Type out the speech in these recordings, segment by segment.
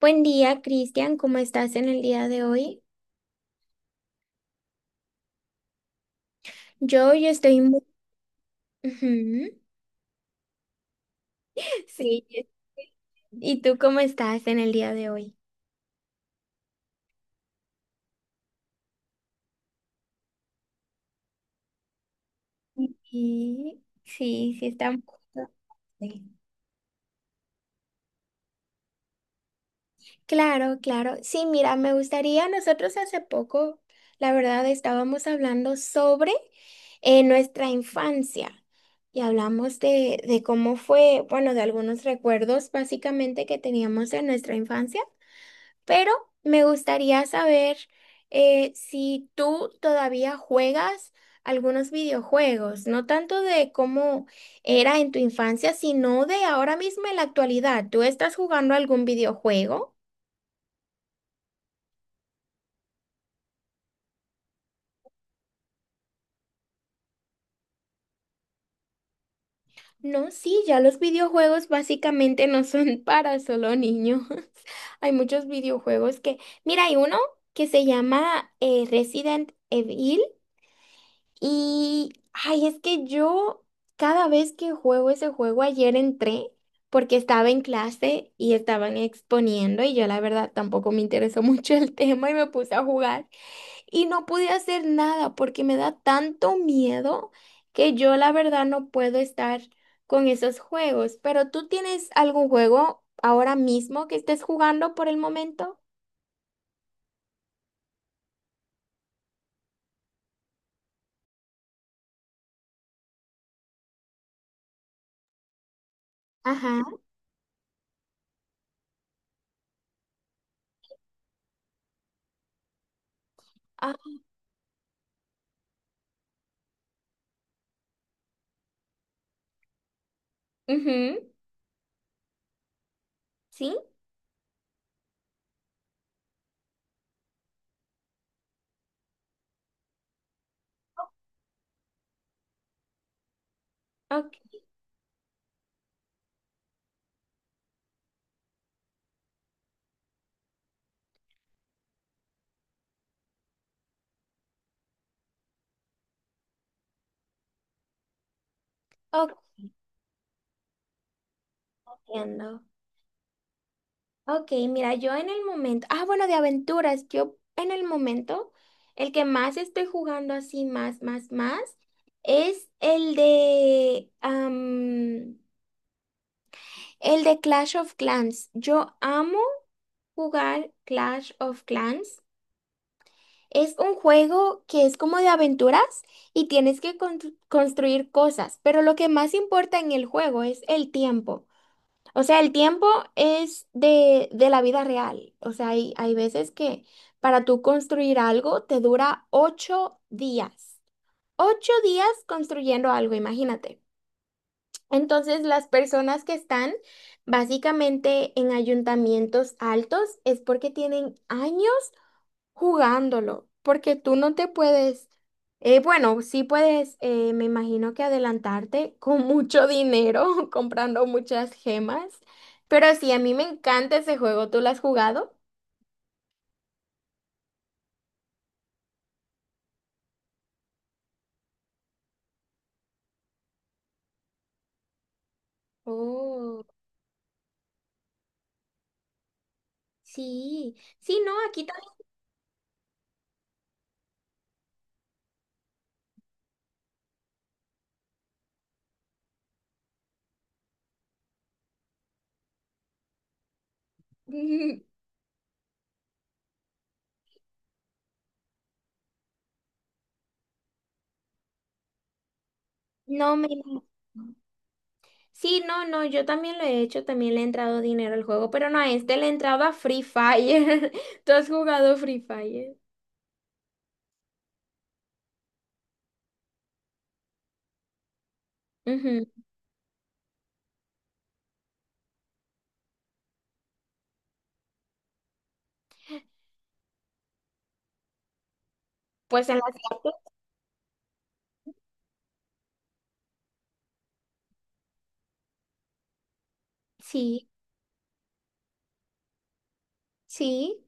Buen día, Cristian. ¿Cómo estás en el día de hoy? Yo estoy muy... Ujú. Sí. yo- ¿Y tú cómo estás en el día de hoy? Sí, sí, sí, está... un poquito- sí. Claro, claro. Sí, mira, me gustaría, nosotros hace poco, la verdad, estábamos hablando sobre nuestra infancia y hablamos de cómo fue, bueno, de algunos recuerdos básicamente que teníamos en nuestra infancia. Pero me gustaría saber si tú todavía juegas algunos videojuegos, no tanto de cómo era en tu infancia, sino de ahora mismo en la actualidad. ¿Tú estás jugando algún videojuego? No, sí, ya los videojuegos básicamente no son para solo niños. Hay muchos videojuegos que... Mira, hay uno que se llama Resident Evil. Y, ay, es que yo cada vez que juego ese juego, ayer entré porque estaba en clase y estaban exponiendo y yo la verdad tampoco me interesó mucho el tema y me puse a jugar y no pude hacer nada porque me da tanto miedo que yo la verdad no puedo estar con esos juegos. Pero ¿tú tienes algún juego ahora mismo que estés jugando por el momento? Ajá. Ah, ujú. Sí, ok. Ok, entiendo. Ok, mira, yo en el momento, ah, bueno, de aventuras, yo en el momento, el que más estoy jugando así, más, más, más, es el de, el de Clash of Clans. Yo amo jugar Clash of Clans. Es un juego que es como de aventuras y tienes que construir cosas, pero lo que más importa en el juego es el tiempo. O sea, el tiempo es de la vida real. O sea, hay veces que para tú construir algo te dura 8 días. 8 días construyendo algo, imagínate. Entonces, las personas que están básicamente en ayuntamientos altos es porque tienen años jugándolo, porque tú no te puedes, bueno, sí puedes, me imagino que adelantarte con mucho dinero, comprando muchas gemas, pero sí, a mí me encanta ese juego, ¿tú lo has jugado? Oh, sí, sí, no, aquí también. No me... Sí, no, no, yo también lo he hecho, también le he entrado dinero al juego, pero no a este le he entrado a Free Fire. ¿Tú has jugado Free Fire? Ujú. Pues en las... Sí, sí.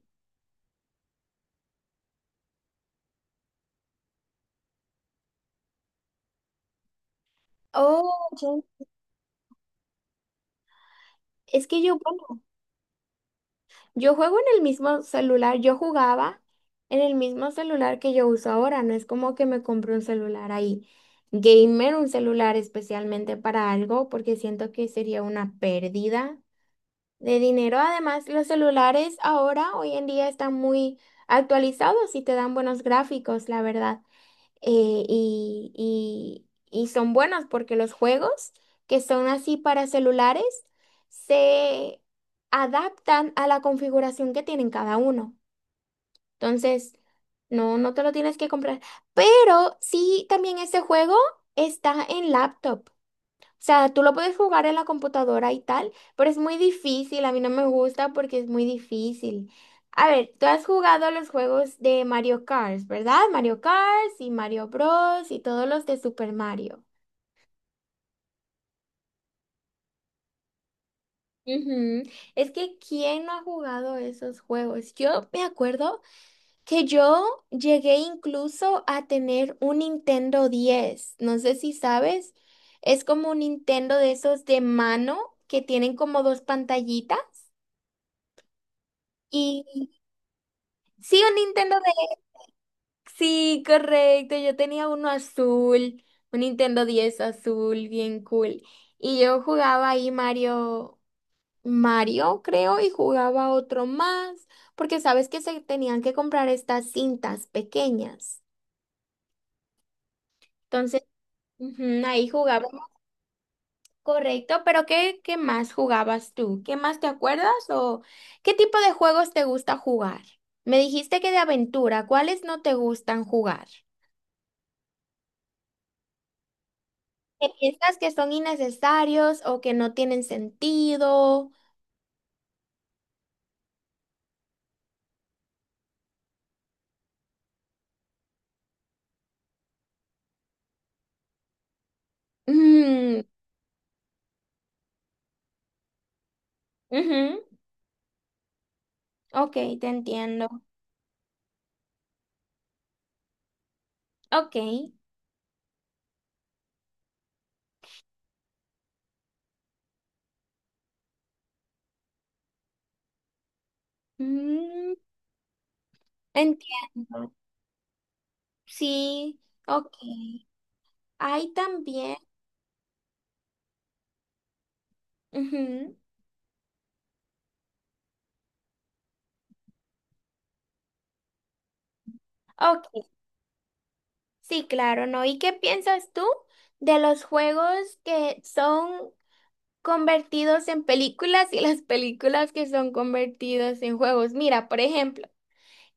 Oh, ya. Es que yo, bueno, yo juego en el mismo celular, yo jugaba en el mismo celular que yo uso ahora, no es como que me compré un celular ahí gamer, un celular especialmente para algo, porque siento que sería una pérdida de dinero. Además, los celulares ahora, hoy en día, están muy actualizados y te dan buenos gráficos, la verdad. eh, y, y- y son buenos porque los juegos que son así para celulares se adaptan a la configuración que tienen cada uno. Entonces, no, no te lo tienes que comprar. Pero sí, también este juego está en laptop. O sea, tú lo puedes jugar en la computadora y tal, pero es muy difícil. A mí no me gusta porque es muy difícil. A ver, tú has jugado los juegos de Mario Kart, ¿verdad? Mario Kart y Mario Bros. Y todos los de Super Mario. Ujú. Es que ¿quién no ha jugado esos juegos? Yo me acuerdo que yo llegué incluso a tener un Nintendo 10. No sé si sabes. Es como un Nintendo de esos de mano que tienen como dos pantallitas. Sí, un Nintendo de... Sí, correcto. Yo tenía uno azul, un Nintendo 10 azul, bien cool. Y yo jugaba ahí Mario, Mario, creo, y jugaba otro más, porque sabes que se tenían que comprar estas cintas pequeñas. Entonces, ujú, ahí jugaba, correcto. Pero ¿qué más jugabas tú? ¿Qué más te acuerdas o qué tipo de juegos te gusta jugar? Me dijiste que de aventura. ¿Cuáles no te gustan jugar, que piensas que son innecesarios o que no tienen sentido? Mm. Ujú. Ok, te entiendo. Ok. Mm, entiendo. Sí, ok. Hay también. Ujú. Ok, sí, claro, ¿no? ¿Y qué piensas tú de los juegos que son convertidos en películas y las películas que son convertidos en juegos? Mira, por ejemplo.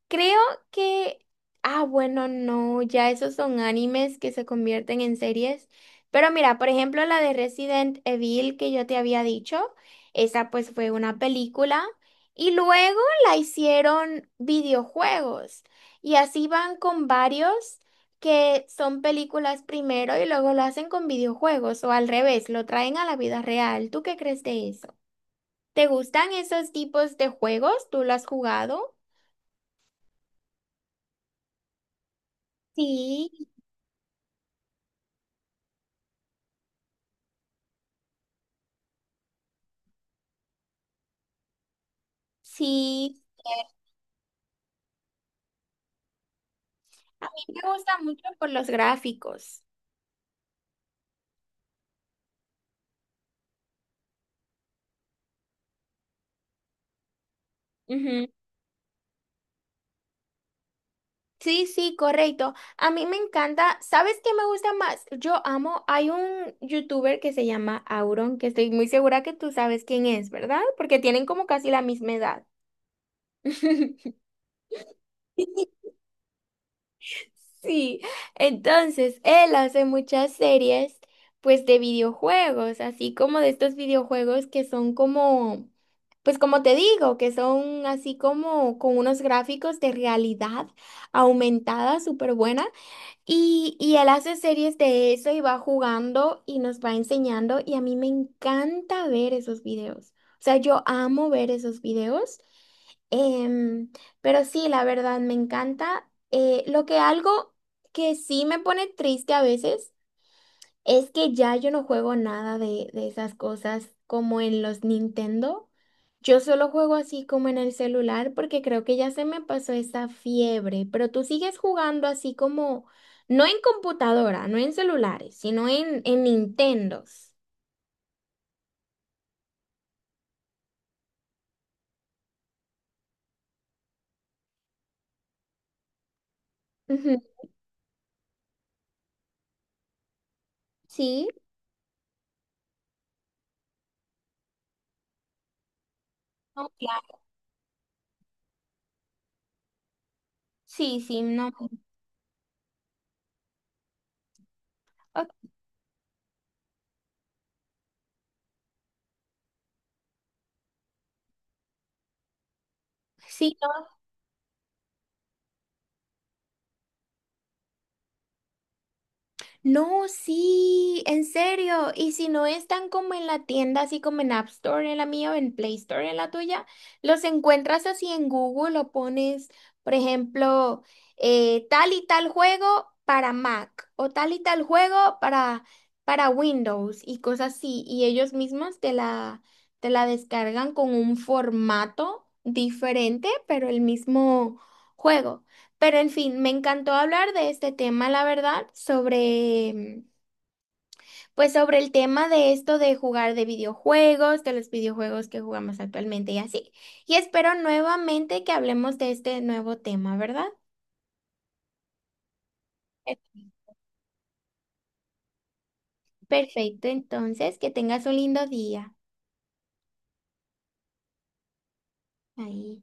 Creo que, ah, bueno, no, ya esos son animes que se convierten en series. Pero mira, por ejemplo, la de Resident Evil que yo te había dicho, esa pues fue una película y luego la hicieron videojuegos. Y así van con varios que son películas primero y luego lo hacen con videojuegos o al revés, lo traen a la vida real. ¿Tú qué crees de eso? ¿Te gustan esos tipos de juegos? ¿Tú lo has jugado? Sí. Sí, a mí me gusta mucho por los gráficos. Ujú. Sí, sí, correcto. A mí me encanta. ¿Sabes qué me gusta más? Yo amo. Hay un youtuber que se llama Auron, que estoy muy segura que tú sabes quién es, ¿verdad? Porque tienen como casi la misma edad. Sí, entonces él hace muchas series, pues de videojuegos, así como de estos videojuegos que son como, pues como te digo, que son así como con unos gráficos de realidad aumentada súper buena. Y él hace series de eso y va jugando y nos va enseñando y a mí me encanta ver esos videos. O sea, yo amo ver esos videos. Em, pero sí, la verdad, me encanta. Lo que algo que sí me pone triste a veces es que ya yo no juego nada de esas cosas como en los Nintendo. Yo solo juego así como en el celular porque creo que ya se me pasó esa fiebre, pero tú sigues jugando así como, no en computadora, no en celulares, sino en Nintendos. Ujú. Sí. No, claro. Sí, sí, no. Ok, sí. No, sí, en serio. Y si no están como en la tienda, así como en App Store, en la mía, o en Play Store, en la tuya, los encuentras así en Google o pones, por ejemplo, tal y tal juego para Mac o tal y tal juego para Windows y cosas así. Y ellos mismos te la descargan con un formato diferente, pero el mismo juego. Pero en fin, me encantó hablar de este tema, la verdad, sobre, pues sobre el tema de esto de jugar de videojuegos, de los videojuegos que jugamos actualmente y así. Y espero nuevamente que hablemos de este nuevo tema, ¿verdad? Perfecto, entonces, que tengas un lindo día. Ahí.